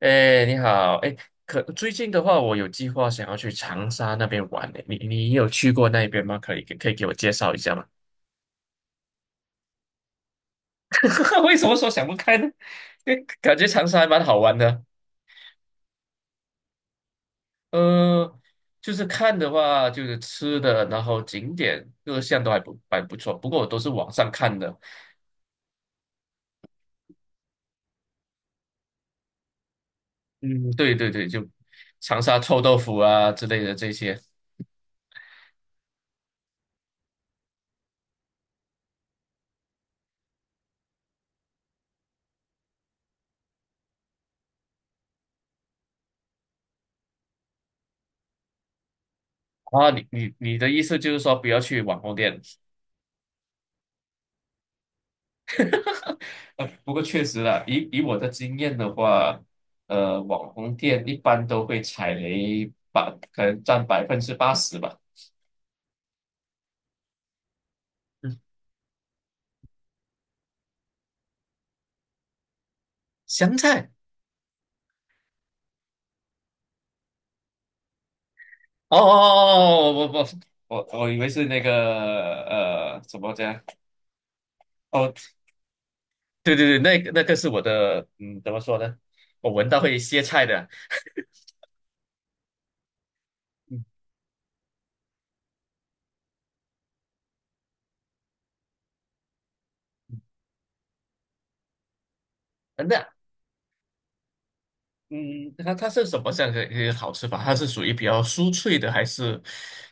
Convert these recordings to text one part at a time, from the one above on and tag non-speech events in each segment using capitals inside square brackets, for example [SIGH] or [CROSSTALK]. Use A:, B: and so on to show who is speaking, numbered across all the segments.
A: 哎，你好。哎，可最近的话，我有计划想要去长沙那边玩呢。你有去过那边吗？可以给我介绍一下吗？[LAUGHS] 为什么说想不开呢？因为感觉长沙还蛮好玩的。呃，就是看的话，就是吃的，然后景点各项都还不错。不过我都是网上看的。嗯，对对对，就长沙臭豆腐啊之类的这些。啊，你的意思就是说不要去网红店？不过确实啦，以我的经验的话，网红店一般都会踩雷，可能占80%吧。嗯，香菜。哦哦哦，我以为是那个怎么讲？哦，对对对，那个是我的。嗯，怎么说呢？我闻到会歇菜的。嗯。那嗯，它是什么样的一个好吃法？它是属于比较酥脆的，还是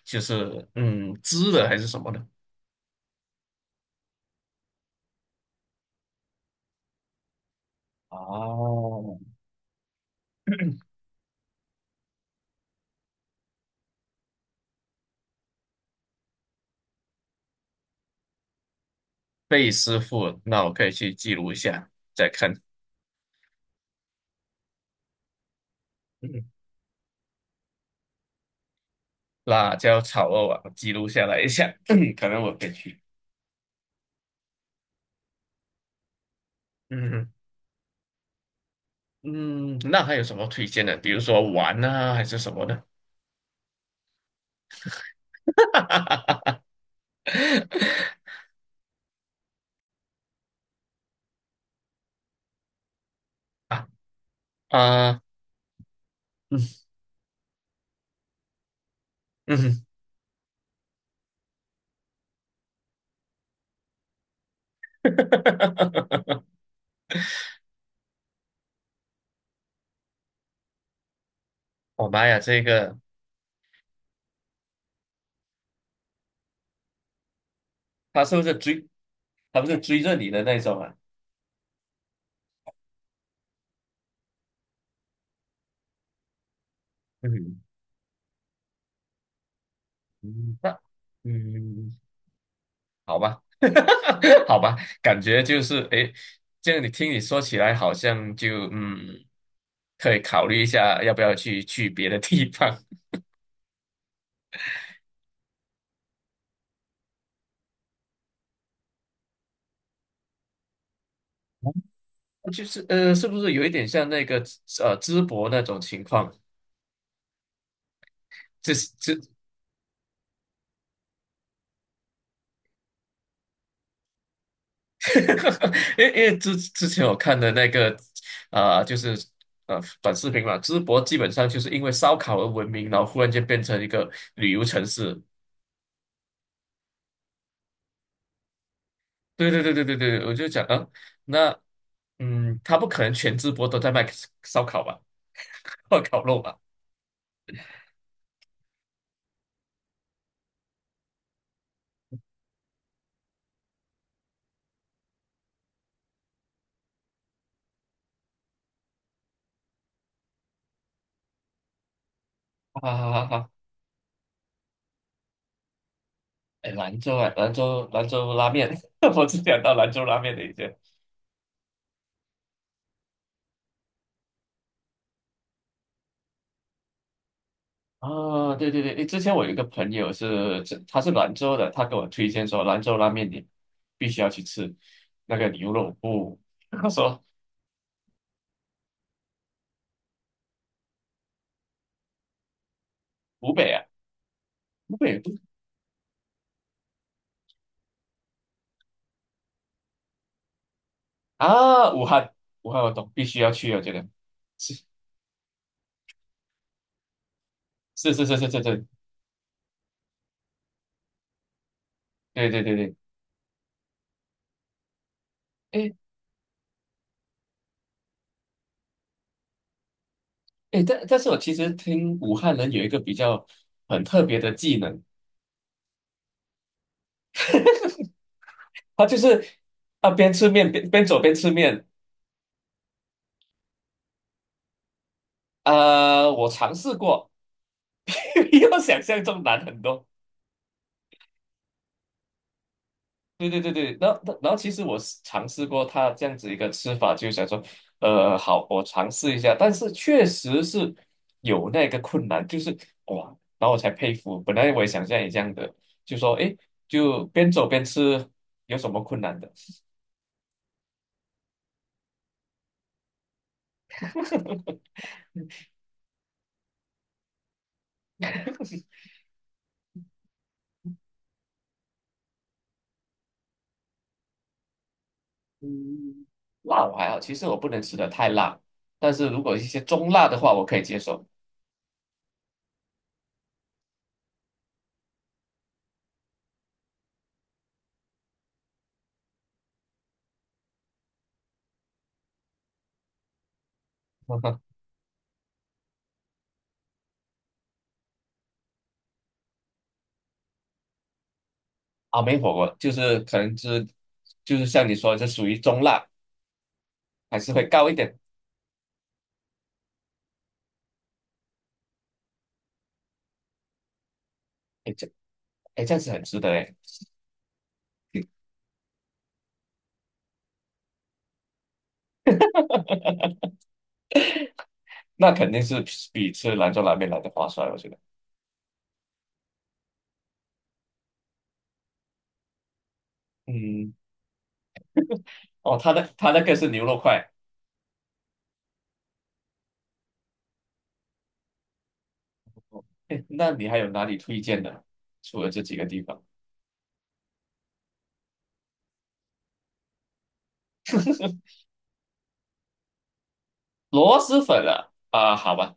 A: 就是汁的，还是什么的？哦，[CLEARS THROAT] 贝师傅，那我可以去记录一下，再看。嗯辣椒炒肉啊，记录下来一下，[CLEARS THROAT] 可能我可以去。嗯哼。嗯，那还有什么推荐的？比如说玩啊，还是什么的？[LAUGHS] 啊啊，嗯嗯。[LAUGHS] 我妈呀，这个他是不是追？他不是追着你的那种啊？嗯。嗯。嗯。好吧。[LAUGHS] 好吧，感觉就是诶，这样你听你说起来，好像就可以考虑一下要不要去别的地方。[LAUGHS] 就是是不是有一点像那个淄博那种情况？这这，[LAUGHS] 因为之前我看的那个就是短视频嘛，淄博基本上就是因为烧烤而闻名，然后忽然间变成一个旅游城市。对对对对对对，我就讲。嗯。那他不可能全直播都在卖烧烤吧，或烤肉吧？[LAUGHS] 哈哈哈哈！哎，兰州啊，兰州拉面，[LAUGHS] 我只想到兰州拉面的一些。啊，对对对，诶之前我有一个朋友是，他是兰州的，他给我推荐说兰州拉面你必须要去吃那个牛肉不，[LAUGHS] 他说湖北啊，湖北不啊，武汉。武汉我懂，必须要去，我觉得是。 [LAUGHS] 是是是是是是，对对对对。诶，但是我其实听武汉人有一个比较很特别的技能，他就是边吃面边走边吃面。啊，我尝试过。[LAUGHS] 比我想象中难很多。对对对对，然后其实我是尝试过他这样子一个吃法，就想说，好，我尝试一下，但是确实是有那个困难，就是哇，然后我才佩服。本来我也想像你这样的，就说诶，就边走边吃有什么困难的？嗯，辣我还好，其实我不能吃的太辣，但是如果一些中辣的话，我可以接受。[LAUGHS] 啊，美火锅就是可能是就是像你说的，这属于中辣，还是会高一点。哎，哎这样子很值得哎，那肯定是比吃兰州拉面来的划算，我觉得。嗯。哦，他那个是牛肉块。哎，那你还有哪里推荐的？除了这几个地方，[LAUGHS] 螺蛳粉啊。啊，好吧。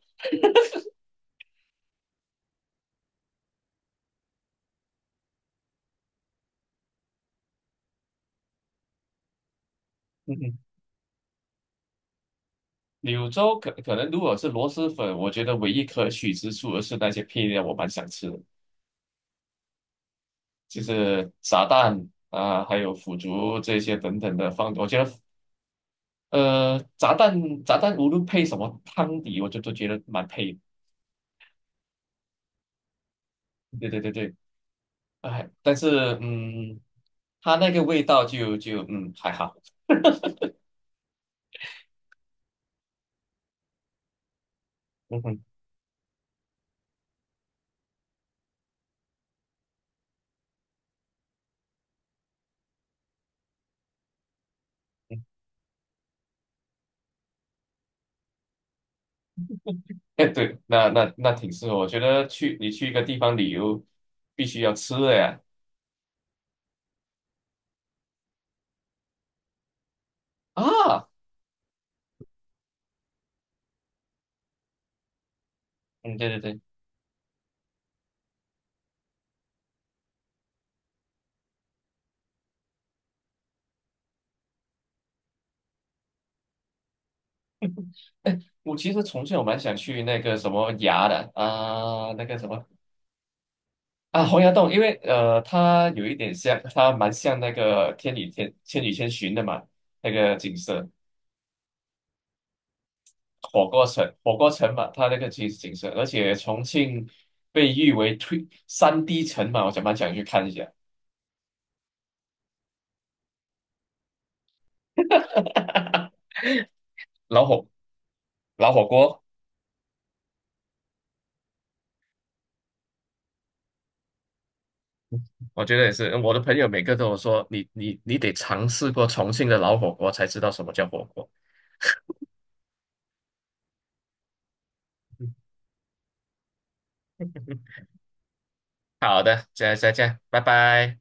A: [LAUGHS] 柳州可能如果是螺蛳粉，我觉得唯一可取之处而是那些配料，我蛮想吃的，就是炸蛋啊，还有腐竹这些等等的放。我觉得炸蛋无论配什么汤底，我就都觉得蛮配的。对对对对，哎，但是它那个味道就还好。嗯哼。嗯。哎 [LAUGHS] 对，那挺适合。我觉得你去一个地方旅游，必须要吃的呀。啊，嗯，对对对。[LAUGHS] 哎，我其实重庆我蛮想去那个什么崖的那个什么洪崖洞，因为它有一点像，它蛮像那个《天女天千与千寻》的嘛，那个景色。火锅城嘛，它那个其实景色，而且重庆被誉为3D 城嘛，蛮想去看一下。[LAUGHS] 老火老火锅，我觉得也是。我的朋友每个都有说，你得尝试过重庆的老火锅，才知道什么叫火锅。[LAUGHS] 好的，再见，拜拜。